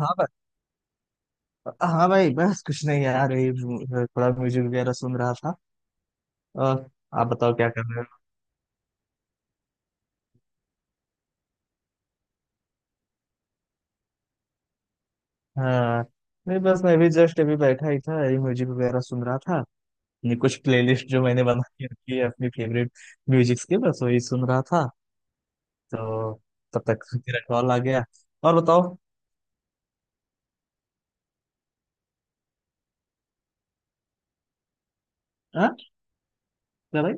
हाँ भाई हाँ भाई। बस कुछ नहीं यार, यही थोड़ा म्यूजिक वगैरह सुन रहा था। और आप बताओ क्या कर रहे हो? हाँ, नहीं बस मैं भी जस्ट अभी बैठा ही था, यही म्यूजिक वगैरह सुन रहा था। ये कुछ प्लेलिस्ट जो मैंने बना के रखी है अपनी फेवरेट म्यूजिक्स की, बस वही सुन रहा था तो तब तक मेरा कॉल आ गया। और बताओ। हाँ। क्या भाई?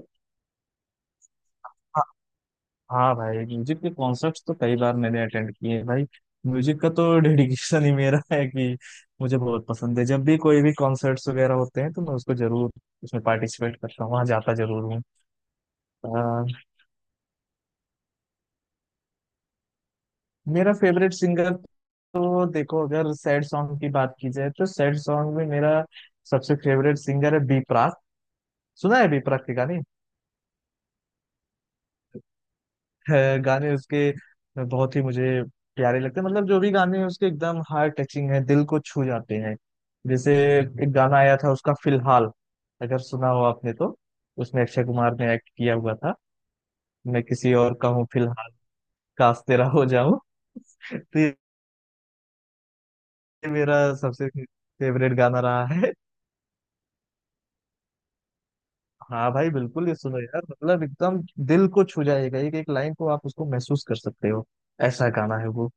हाँ भाई, म्यूजिक के कॉन्सर्ट्स तो कई बार मैंने अटेंड किए हैं भाई। म्यूजिक का तो डेडिकेशन ही मेरा है कि मुझे बहुत पसंद है। जब भी कोई भी कॉन्सर्ट्स वगैरह होते हैं तो मैं उसको जरूर उसमें पार्टिसिपेट करता हूँ, वहाँ जाता जरूर हूँ। अ, मेरा फेवरेट सिंगर, तो देखो अगर सैड सॉन्ग की बात की जाए तो सैड सॉन्ग में मेरा सबसे फेवरेट सिंगर है बी प्राक। सुना है बी प्राक के गाने? गाने उसके बहुत ही मुझे प्यारे लगते हैं। मतलब जो भी गाने हैं उसके एकदम हार्ट टचिंग है, दिल को छू जाते हैं। जैसे एक गाना आया था उसका फिलहाल, अगर सुना हो आपने तो, उसमें अक्षय कुमार ने एक्ट किया हुआ था। मैं किसी और का हूँ फिलहाल, काश तेरा हो जाऊं। तो ये मेरा सबसे फेवरेट गाना रहा है। हाँ भाई, बिल्कुल ये सुनो यार, मतलब एकदम दिल को छू जाएगा। एक एक लाइन को आप उसको महसूस कर सकते हो, ऐसा गाना है वो।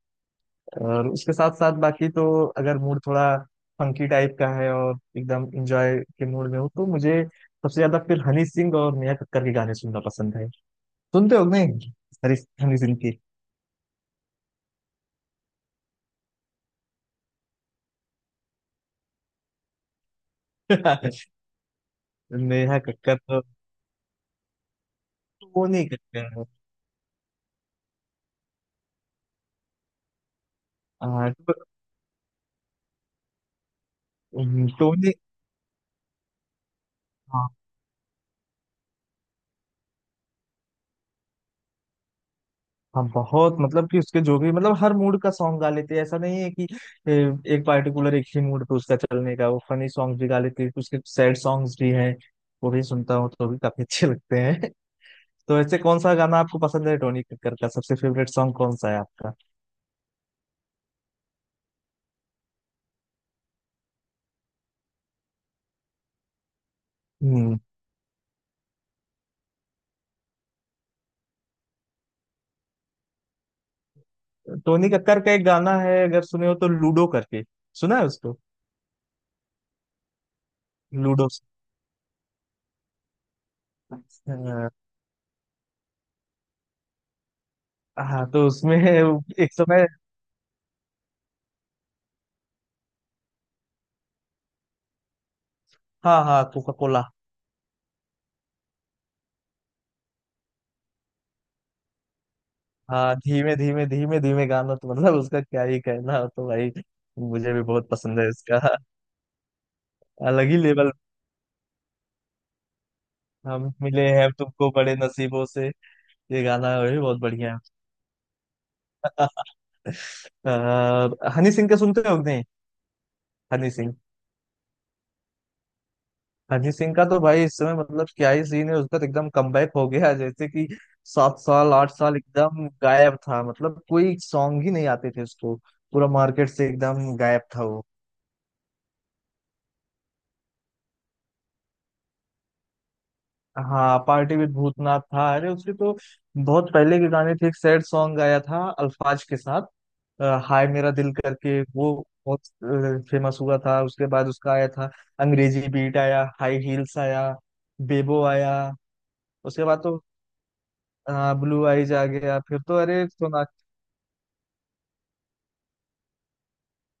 और उसके साथ साथ बाकी तो, अगर मूड थोड़ा फंकी टाइप का है और एकदम इंजॉय के मूड में हो तो मुझे सबसे ज्यादा फिर हनी सिंह और नेहा कक्कड़ के गाने सुनना पसंद है। सुनते हो कि नहीं? हरी, हनी सिंह के नेहा कक्कड़ तो, टोनी कक्कड़, आ, टो- टोनी। हाँ। हाँ, बहुत मतलब कि उसके जो भी, मतलब हर मूड का सॉन्ग गा लेते हैं। ऐसा नहीं है कि ए, एक पार्टिकुलर एक ही मूड पे उसका चलने का। वो फनी सॉन्ग भी गा लेते हैं, उसके सैड सॉन्ग्स भी हैं, वो भी सुनता हूँ तो भी काफी अच्छे लगते हैं। तो वैसे कौन सा गाना आपको पसंद है टोनी कक्कर का? सबसे फेवरेट सॉन्ग कौन सा है आपका? हम्म। टोनी कक्कर का एक गाना है, अगर सुने हो तो, लूडो करके। सुना है उसको? लूडो। अच्छा। हाँ तो उसमें एक समय, हाँ हाँ कोका कोला। हाँ, धीमे धीमे, धीमे धीमे गाना तो मतलब उसका क्या ही कहना हो तो भाई, मुझे भी बहुत पसंद है इसका। अलग ही लेवल। हम मिले हैं तुमको बड़े नसीबों से, ये गाना भी बहुत बढ़िया है। अ, हनी सिंह का सुनते हो कि नहीं? हनी सिंह, अरिजीत सिंह का तो भाई इस समय मतलब क्या ही सीन है। उसका तो एकदम कमबैक हो गया, जैसे कि सात साल आठ साल एकदम गायब था। मतलब कोई सॉन्ग ही नहीं आते थे उसको, पूरा मार्केट से एकदम गायब था वो। हाँ, पार्टी विद भूतनाथ था। अरे उसके तो बहुत पहले के गाने थे। एक सैड सॉन्ग आया था अल्फाज के साथ, हाय मेरा दिल करके, वो बहुत फेमस हुआ था। उसके बाद उसका आया था अंग्रेजी बीट, आया हाई हील्स, आया बेबो। आया उसके बाद तो हाँ, ब्लू आइज आ गया, फिर तो अरे सोना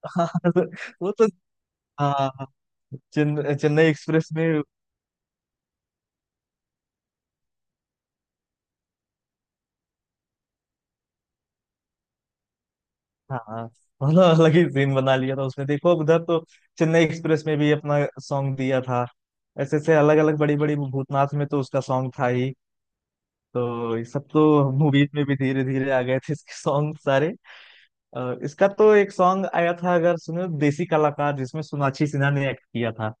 वो तो। हाँ। हाँ, चेन्नई एक्सप्रेस में। हाँ, मतलब अलग ही सीन बना लिया था उसने। देखो अब उधर तो चेन्नई एक्सप्रेस में भी अपना सॉन्ग दिया था। ऐसे ऐसे अलग अलग बड़ी बड़ी, भूतनाथ में तो उसका सॉन्ग था ही। तो ये सब तो मूवीज में भी धीरे धीरे आ गए थे इसके सॉन्ग सारे। और इसका तो एक सॉन्ग आया था, अगर सुनो, देसी कलाकार, जिसमें सोनाक्षी सिन्हा ने एक्ट किया था।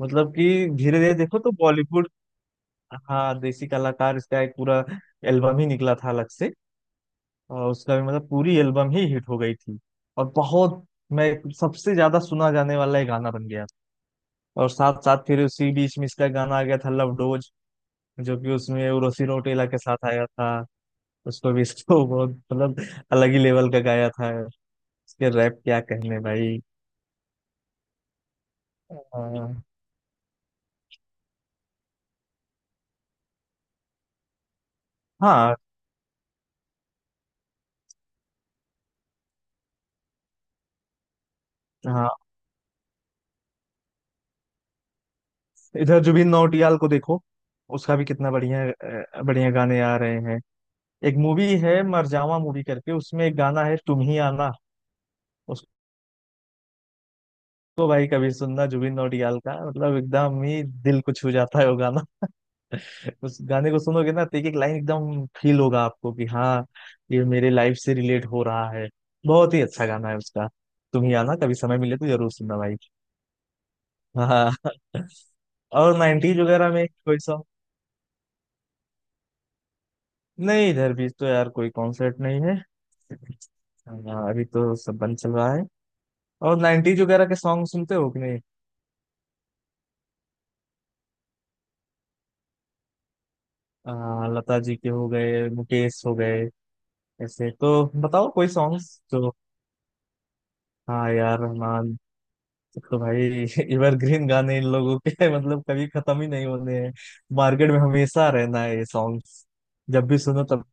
मतलब कि धीरे धीरे देखो तो बॉलीवुड, हाँ देसी कलाकार इसका एक पूरा एल्बम ही निकला था अलग से। और उसका भी मतलब पूरी एल्बम ही हिट हो गई थी। और बहुत, मैं सबसे ज्यादा सुना जाने वाला ये गाना बन गया। और साथ साथ फिर उसी बीच में इसका गाना आ गया था लव डोज, जो कि उसमें उर्वशी रौटेला के साथ आया था। उसको भी इसको बहुत मतलब अलग ही लेवल का गाया था। इसके रैप क्या कहने भाई। अ, हाँ हाँ, इधर जुबिन नौटियाल को देखो, उसका भी कितना बढ़िया बढ़िया गाने आ रहे हैं। एक मूवी है मरजावा मूवी करके, उसमें एक गाना है तुम ही आना, उसको भाई कभी सुनना जुबिन नौटियाल का, मतलब एकदम ही दिल को छू जाता है वो गाना। उस गाने को सुनोगे ना तो एक एक लाइन एकदम फील होगा आपको कि हाँ ये मेरे लाइफ से रिलेट हो रहा है। बहुत ही अच्छा गाना है उसका, तुम ही आना, कभी समय मिले तो जरूर सुनना भाई। हाँ। और नाइनटीज वगैरह में कोई सॉन्ग, नहीं इधर भी तो यार कोई कॉन्सर्ट नहीं है। हाँ, अभी तो सब बंद चल रहा है। और नाइनटीज वगैरह के सॉन्ग सुनते हो कि, लता जी के हो गए, मुकेश हो गए, ऐसे तो बताओ कोई सॉन्ग्स जो। हाँ यार रहमान, ये तो भाई एवरग्रीन गाने इन लोगों के मतलब कभी खत्म ही नहीं होने हैं, मार्केट में हमेशा रहना है ये सॉन्ग्स, जब भी सुनो तब।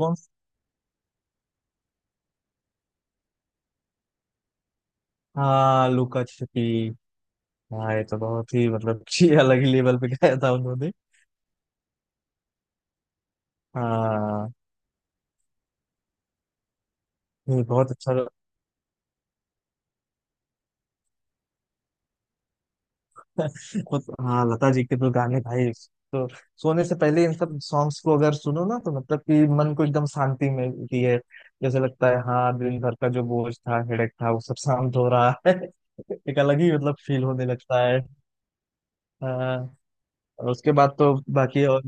कौन? हाँ लुका छुपी। हाँ, ये तो बहुत ही मतलब कि अलग ही लेवल पे गाया था उन्होंने। हाँ। ये बहुत अच्छा। मतलब हाँ, लता जी के तो गाने भाई, तो सोने से पहले इन सब सॉन्ग्स को अगर सुनो ना तो मतलब कि मन को एकदम शांति मिलती है। जैसे लगता है हाँ, दिन भर का जो बोझ था, हेडेक था, वो सब शांत हो रहा है। एक अलग ही मतलब फील होने लगता है। हाँ। और उसके बाद तो बाकी और,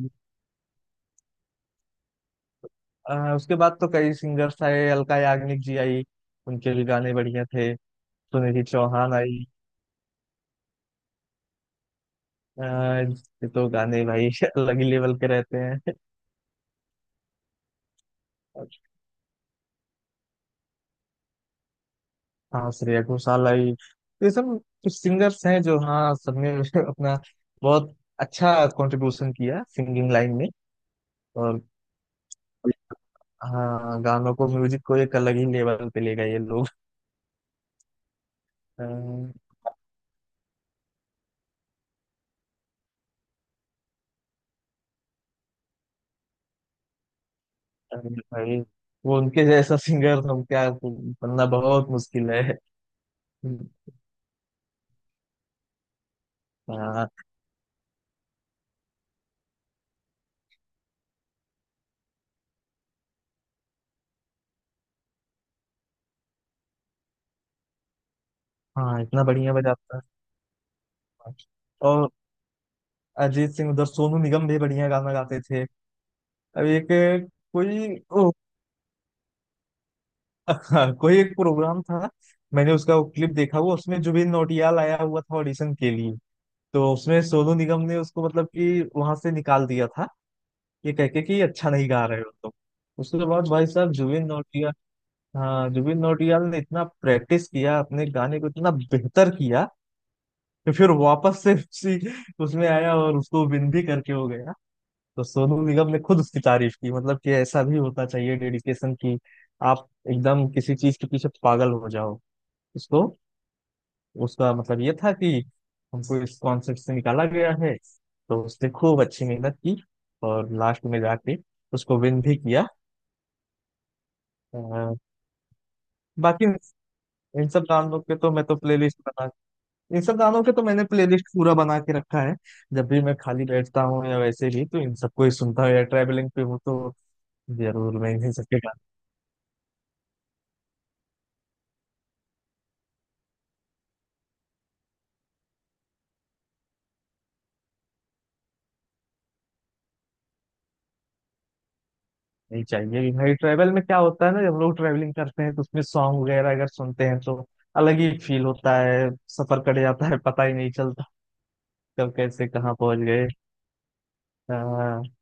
हाँ उसके बाद तो कई सिंगर्स आए। अलका याग्निक जी आई उनके भी गाने बढ़िया थे। सुनिधि चौहान आई, हाँ ये तो गाने भाई अलग ही लेवल के रहते हैं। हाँ, श्रेया घोषाल आई। ये सब कुछ सिंगर्स हैं जो, हाँ सबने अपना बहुत अच्छा कंट्रीब्यूशन किया सिंगिंग लाइन में। और हाँ, गानों को, म्यूजिक को एक अलग ही लेवल पे ले गए ये लोग। अम, अरे भाई, वो उनके जैसा सिंगर हम क्या बनना, बहुत मुश्किल है। हाँ। हाँ, इतना बढ़िया बजाता है। और अरिजीत सिंह, उधर सोनू निगम भी बढ़िया गाना गाते थे। अब एक कोई, हाँ कोई एक प्रोग्राम था, मैंने उसका वो क्लिप देखा हुआ। उसमें जुबिन नौटियाल आया हुआ था ऑडिशन के लिए, तो उसमें सोनू निगम ने उसको मतलब कि वहां से निकाल दिया था, ये कह के कि अच्छा नहीं गा रहे हो तुम। उसके बाद भाई साहब जुबिन नौटियाल, हाँ जुबिन नौटियाल ने इतना प्रैक्टिस किया, अपने गाने को इतना बेहतर किया कि फिर वापस से उसी उसमें आया और उसको विन भी करके हो गया। तो सोनू निगम ने खुद उसकी तारीफ की, मतलब कि ऐसा भी होता चाहिए डेडिकेशन की आप एकदम किसी चीज के पीछे पागल हो जाओ। इसको, उसका मतलब ये था कि हमको इस कॉन्सेप्ट से निकाला गया है, तो उसने खूब अच्छी मेहनत की और लास्ट में जाके उसको विन भी किया। अ, बाकी इन सब गानों के तो मैं तो प्लेलिस्ट बना, इन सब गानों के तो मैंने प्लेलिस्ट पूरा बना के रखा है। जब भी मैं खाली बैठता हूँ या वैसे भी तो इन सबको ही सुनता हूँ, या ट्रैवलिंग पे हूँ तो जरूर मैं इन सबके, नहीं चाहिए कि भाई ट्रैवल में क्या होता है ना, जब हम लोग ट्रैवलिंग करते हैं तो उसमें सॉन्ग वगैरह अगर सुनते हैं तो अलग ही फील होता है। सफर कट जाता है, पता ही नहीं चलता कब कैसे कहाँ पहुंच गए। अ,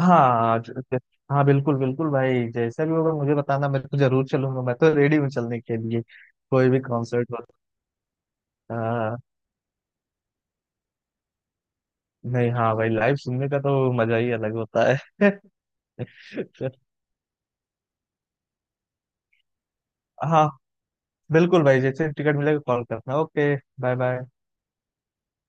हाँ हाँ बिल्कुल बिल्कुल भाई, जैसा भी होगा मुझे बताना, मैं तो जरूर चलूंगा, मैं तो रेडी हूँ चलने के लिए। कोई भी कॉन्सर्ट हो। अ, नहीं हाँ भाई, लाइव सुनने का तो मजा ही अलग होता है। हाँ बिल्कुल भाई, जैसे टिकट मिलेगा कॉल करना, ओके। Bye bye.